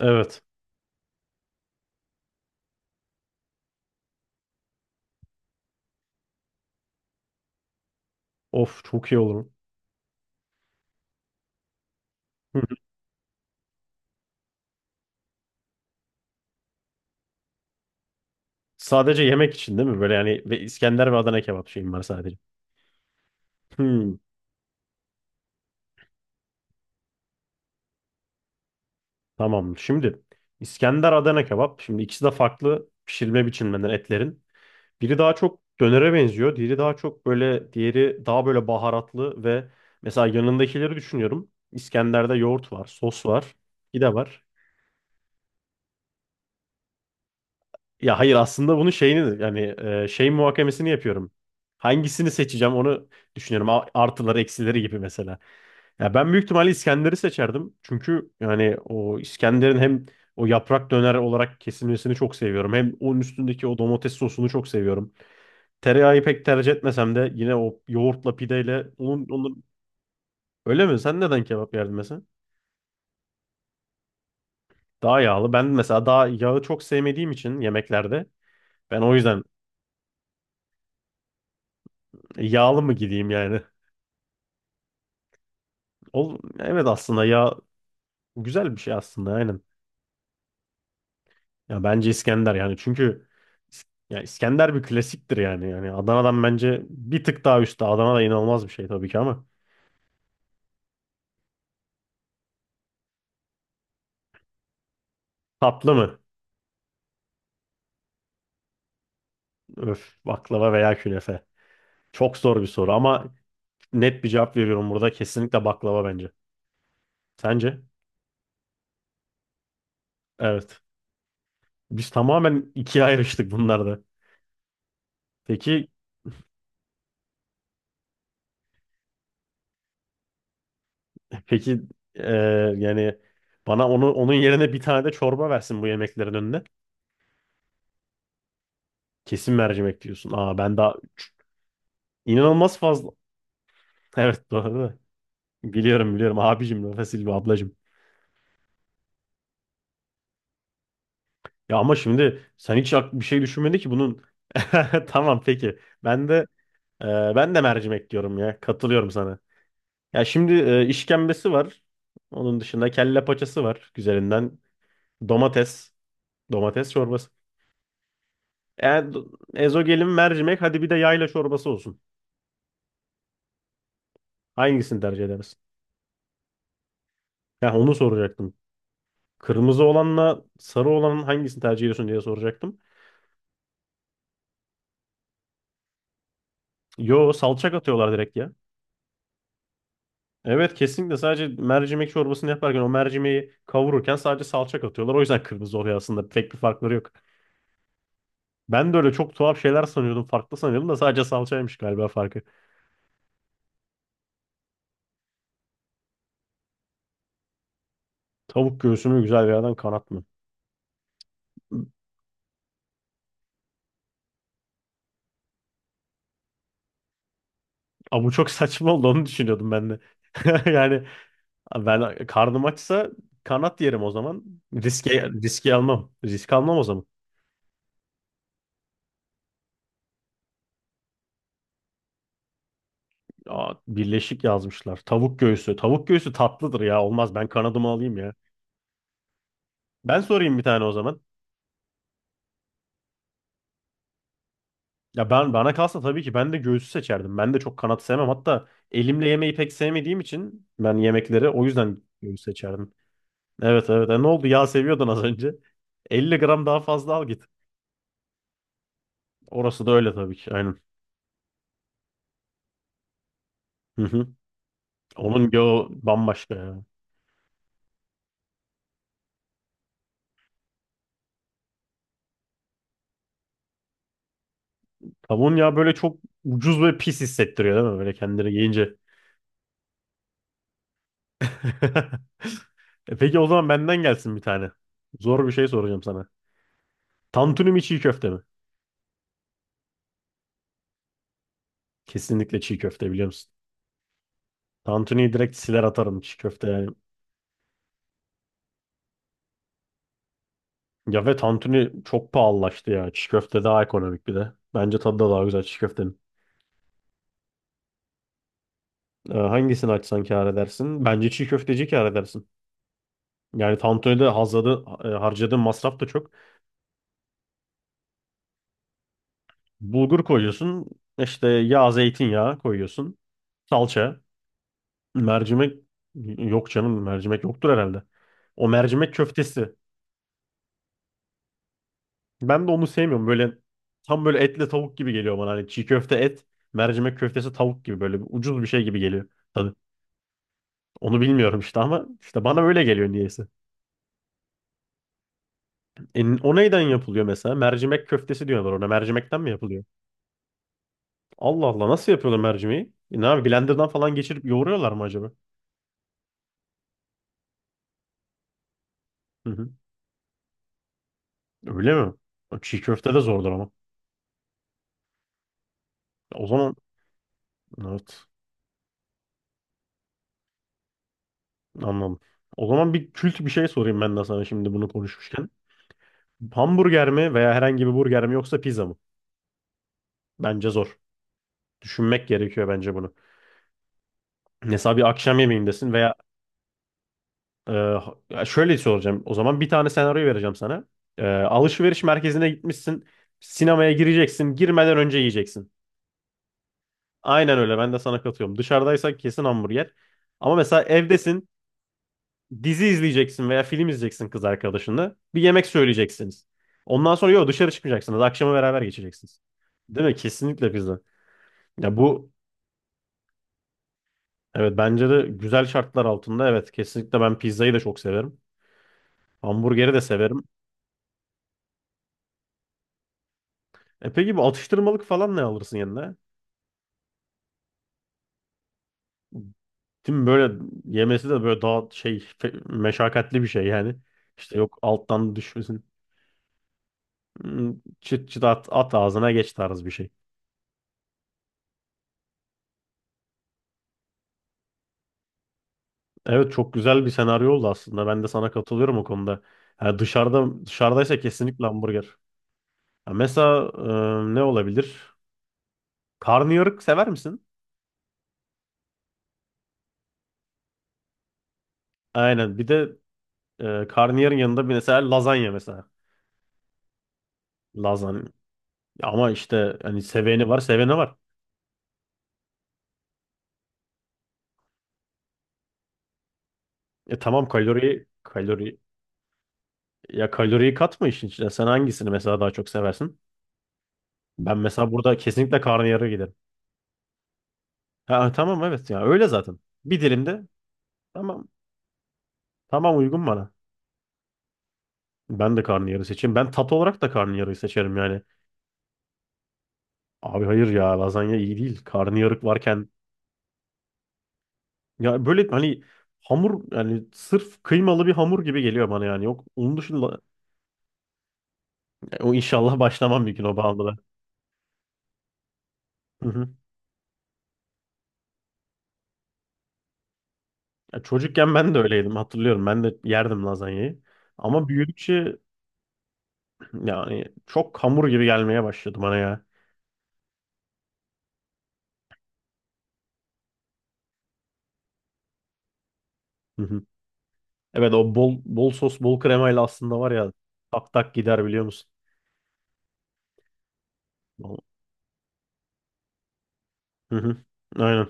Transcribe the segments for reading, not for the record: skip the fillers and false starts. Evet. Of, çok iyi olur. Hı hı. Sadece yemek için değil mi? Böyle yani ve İskender ve Adana kebap şeyim var sadece. Hmm, tamam. Şimdi İskender Adana kebap. Şimdi ikisi de farklı pişirme biçimlerinden etlerin. Biri daha çok dönere benziyor. Diğeri daha çok böyle, diğeri daha böyle baharatlı ve mesela yanındakileri düşünüyorum. İskender'de yoğurt var, sos var, bir de var. Ya hayır, aslında bunun şeyini, yani şey muhakemesini yapıyorum. Hangisini seçeceğim onu düşünüyorum. Artıları eksileri gibi mesela. Ya ben büyük ihtimalle İskender'i seçerdim. Çünkü yani o İskender'in hem o yaprak döner olarak kesilmesini çok seviyorum. Hem onun üstündeki o domates sosunu çok seviyorum. Tereyağı pek tercih etmesem de yine o yoğurtla, pideyle onun... Öyle mi? Sen neden kebap yerdin mesela? Daha yağlı. Ben mesela daha yağı çok sevmediğim için yemeklerde o yüzden yağlı mı gideyim yani? Ol, evet, aslında yağ güzel bir şey aslında, aynen. Ya bence İskender, yani çünkü İs- ya İskender bir klasiktir yani. Yani Adana'dan bence bir tık daha üstte. Adana da inanılmaz bir şey tabii ki ama tatlı mı? Öf, baklava veya künefe. Çok zor bir soru ama net bir cevap veriyorum burada. Kesinlikle baklava bence. Sence? Evet. Biz tamamen ikiye ayrıştık bunlarda. Peki peki yani bana onu onun yerine bir tane de çorba versin bu yemeklerin önüne. Kesin mercimek diyorsun. Aa, ben daha inanılmaz fazla. Evet, doğru. Biliyorum, biliyorum abicim, Rafa Silva ablacım. Ya ama şimdi sen hiç bir şey düşünmedi ki bunun. Tamam, peki. Ben de e, mercimek diyorum ya. Katılıyorum sana. Ya şimdi işkembesi var. Onun dışında kelle paçası var güzelinden. Domates, domates çorbası. Eğer ezogelin, mercimek, hadi bir de yayla çorbası olsun. Hangisini tercih edersin? Ya onu soracaktım. Kırmızı olanla sarı olanın hangisini tercih ediyorsun diye soracaktım. Yo, salça katıyorlar direkt. Evet, kesinlikle sadece mercimek çorbasını yaparken o mercimeği kavururken sadece salça katıyorlar. O yüzden kırmızı oluyor aslında. Pek bir farkları yok. Ben de öyle çok tuhaf şeyler sanıyordum. Farklı sanıyordum da sadece salçaymış galiba farkı. Tavuk göğsünü güzel bir yerden kanat mı? Aa, bu çok saçma oldu, onu düşünüyordum ben de. Yani ben, karnım açsa kanat yerim o zaman. Riske almam. Risk almam o zaman. Aa, birleşik yazmışlar. Tavuk göğsü. Tavuk göğsü tatlıdır ya. Olmaz, ben kanadımı alayım ya. Ben sorayım bir tane o zaman. Ya ben, bana kalsa tabii ki ben de göğsü seçerdim. Ben de çok kanat sevmem. Hatta elimle yemeği pek sevmediğim için ben yemekleri o yüzden göğüs seçerdim. Evet evet. E, ne oldu? Yağ seviyordun az önce. 50 gram daha fazla al git. Orası da öyle tabii ki. Aynen. Hı hı. Onun yağı bambaşka ya. Tavuğun yağı böyle çok ucuz ve pis hissettiriyor değil mi? Böyle kendini yiyince. E, peki o zaman benden gelsin bir tane. Zor bir şey soracağım sana. Tantuni mi, çiğ köfte mi? Kesinlikle çiğ köfte, biliyor musun? Tantuni'yi direkt siler atarım, çiğ köfte yani. Ya ve tantuni çok pahalılaştı ya. Çiğ köfte daha ekonomik bir de. Bence tadı da daha güzel çiğ köftenin. Hangisini açsan kâr edersin? Bence çiğ köfteci kâr edersin. Yani tantuni'de hazladı, harcadığın masraf da çok. Bulgur koyuyorsun. İşte yağ, zeytinyağı koyuyorsun. Salça, mercimek... Yok canım, mercimek yoktur herhalde. O mercimek köftesi. Ben de onu sevmiyorum. Böyle tam böyle etle tavuk gibi geliyor bana. Hani çiğ köfte et, mercimek köftesi tavuk gibi böyle bir ucuz bir şey gibi geliyor tadı. Onu bilmiyorum işte ama işte bana öyle geliyor niyeyse. E, o neyden yapılıyor mesela? Mercimek köftesi diyorlar ona. Mercimekten mi yapılıyor? Allah Allah, nasıl yapıyorlar mercimeği? E, ne abi, blenderdan falan geçirip yoğuruyorlar mı acaba? Hı hı. Öyle mi? Çiğ köfte de zordur ama. O zaman evet, anladım. O zaman bir kült bir şey sorayım ben de sana şimdi, bunu konuşmuşken. Hamburger mi veya herhangi bir burger mi yoksa pizza mı? Bence zor. Düşünmek gerekiyor bence bunu. Mesela bir akşam yemeğindesin veya şöyle soracağım. O zaman bir tane senaryo vereceğim sana. E, alışveriş merkezine gitmişsin. Sinemaya gireceksin. Girmeden önce yiyeceksin. Aynen öyle. Ben de sana katıyorum. Dışarıdaysak kesin hamburger. Ama mesela evdesin. Dizi izleyeceksin veya film izleyeceksin kız arkadaşınla. Bir yemek söyleyeceksiniz. Ondan sonra yok, dışarı çıkmayacaksınız. Akşamı beraber geçireceksiniz. Değil mi? Kesinlikle pizza. Ya bu... Evet, bence de güzel şartlar altında evet, kesinlikle ben pizzayı da çok severim. Hamburgeri de severim. E peki, bu atıştırmalık falan ne alırsın yanına? Değil mi? Böyle yemesi de böyle daha meşakkatli bir şey yani. İşte yok, alttan düşmesin. Hmm, çıt çıt at, at ağzına, geç tarz bir şey. Evet, çok güzel bir senaryo oldu aslında. Ben de sana katılıyorum o konuda. Yani dışarıdaysa kesinlikle hamburger. Ya mesela ne olabilir? Karnıyarık sever misin? Aynen. Bir de karnıyarın yanında bir mesela lazanya mesela. Lazanya. Ama işte hani, seveni var. E tamam, kalori ya, kaloriyi katma işin içine. Sen hangisini mesela daha çok seversin? Ben mesela burada kesinlikle karnıyara giderim. Ha, tamam evet, ya öyle zaten. Bir dilimde tamam tamam, uygun bana. Ben de karnıyarı seçeyim. Ben tat olarak da karnıyarıyı seçerim yani. Abi hayır ya, lazanya iyi değil. Karnıyarık varken ya böyle hani hamur, yani sırf kıymalı bir hamur gibi geliyor bana yani. Yok, onun dışında... O inşallah başlamam bir gün o bağımlılığa. Hı hı. Ya çocukken ben de öyleydim, hatırlıyorum. Ben de yerdim lazanyayı. Ama büyüdükçe yani çok hamur gibi gelmeye başladı bana ya. Hı hı. Evet, o bol bol sos, bol kremayla aslında var ya, tak tak gider biliyor musun? Hı hı. Aynen.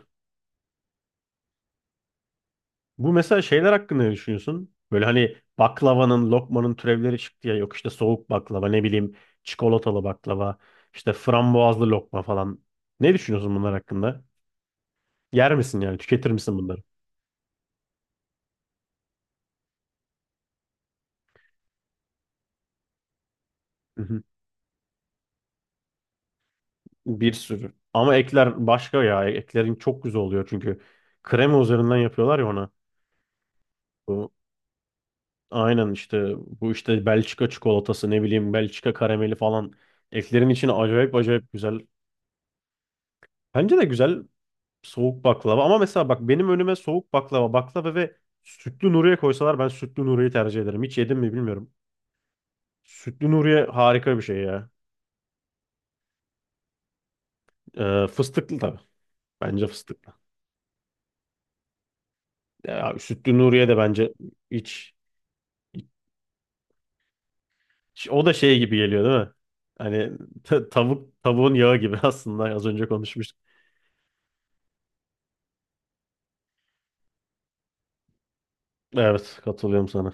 Bu mesela şeyler hakkında ne düşünüyorsun? Böyle hani baklavanın, lokmanın türevleri çıktı ya, yok işte soğuk baklava, ne bileyim çikolatalı baklava, işte frambuazlı lokma falan. Ne düşünüyorsun bunlar hakkında? Yer misin yani? Tüketir misin bunları? Hı hı. Bir sürü. Ama ekler başka ya. Eklerin çok güzel oluyor çünkü krema üzerinden yapıyorlar ya ona. Bu aynen, işte bu, işte Belçika çikolatası, ne bileyim Belçika karameli falan. Eklerin içine acayip acayip güzel. Bence de güzel soğuk baklava, ama mesela bak, benim önüme soğuk baklava, baklava ve sütlü Nuriye koysalar ben sütlü Nuriye'yi tercih ederim. Hiç yedim mi bilmiyorum. Sütlü Nuriye harika bir şey ya. Fıstıklı tabii. Bence fıstıklı. Ya, sütlü Nuriye de bence hiç... O da şey gibi geliyor değil mi? Hani tavuk, tavuğun yağı gibi aslında az önce konuşmuştuk. Evet, katılıyorum sana.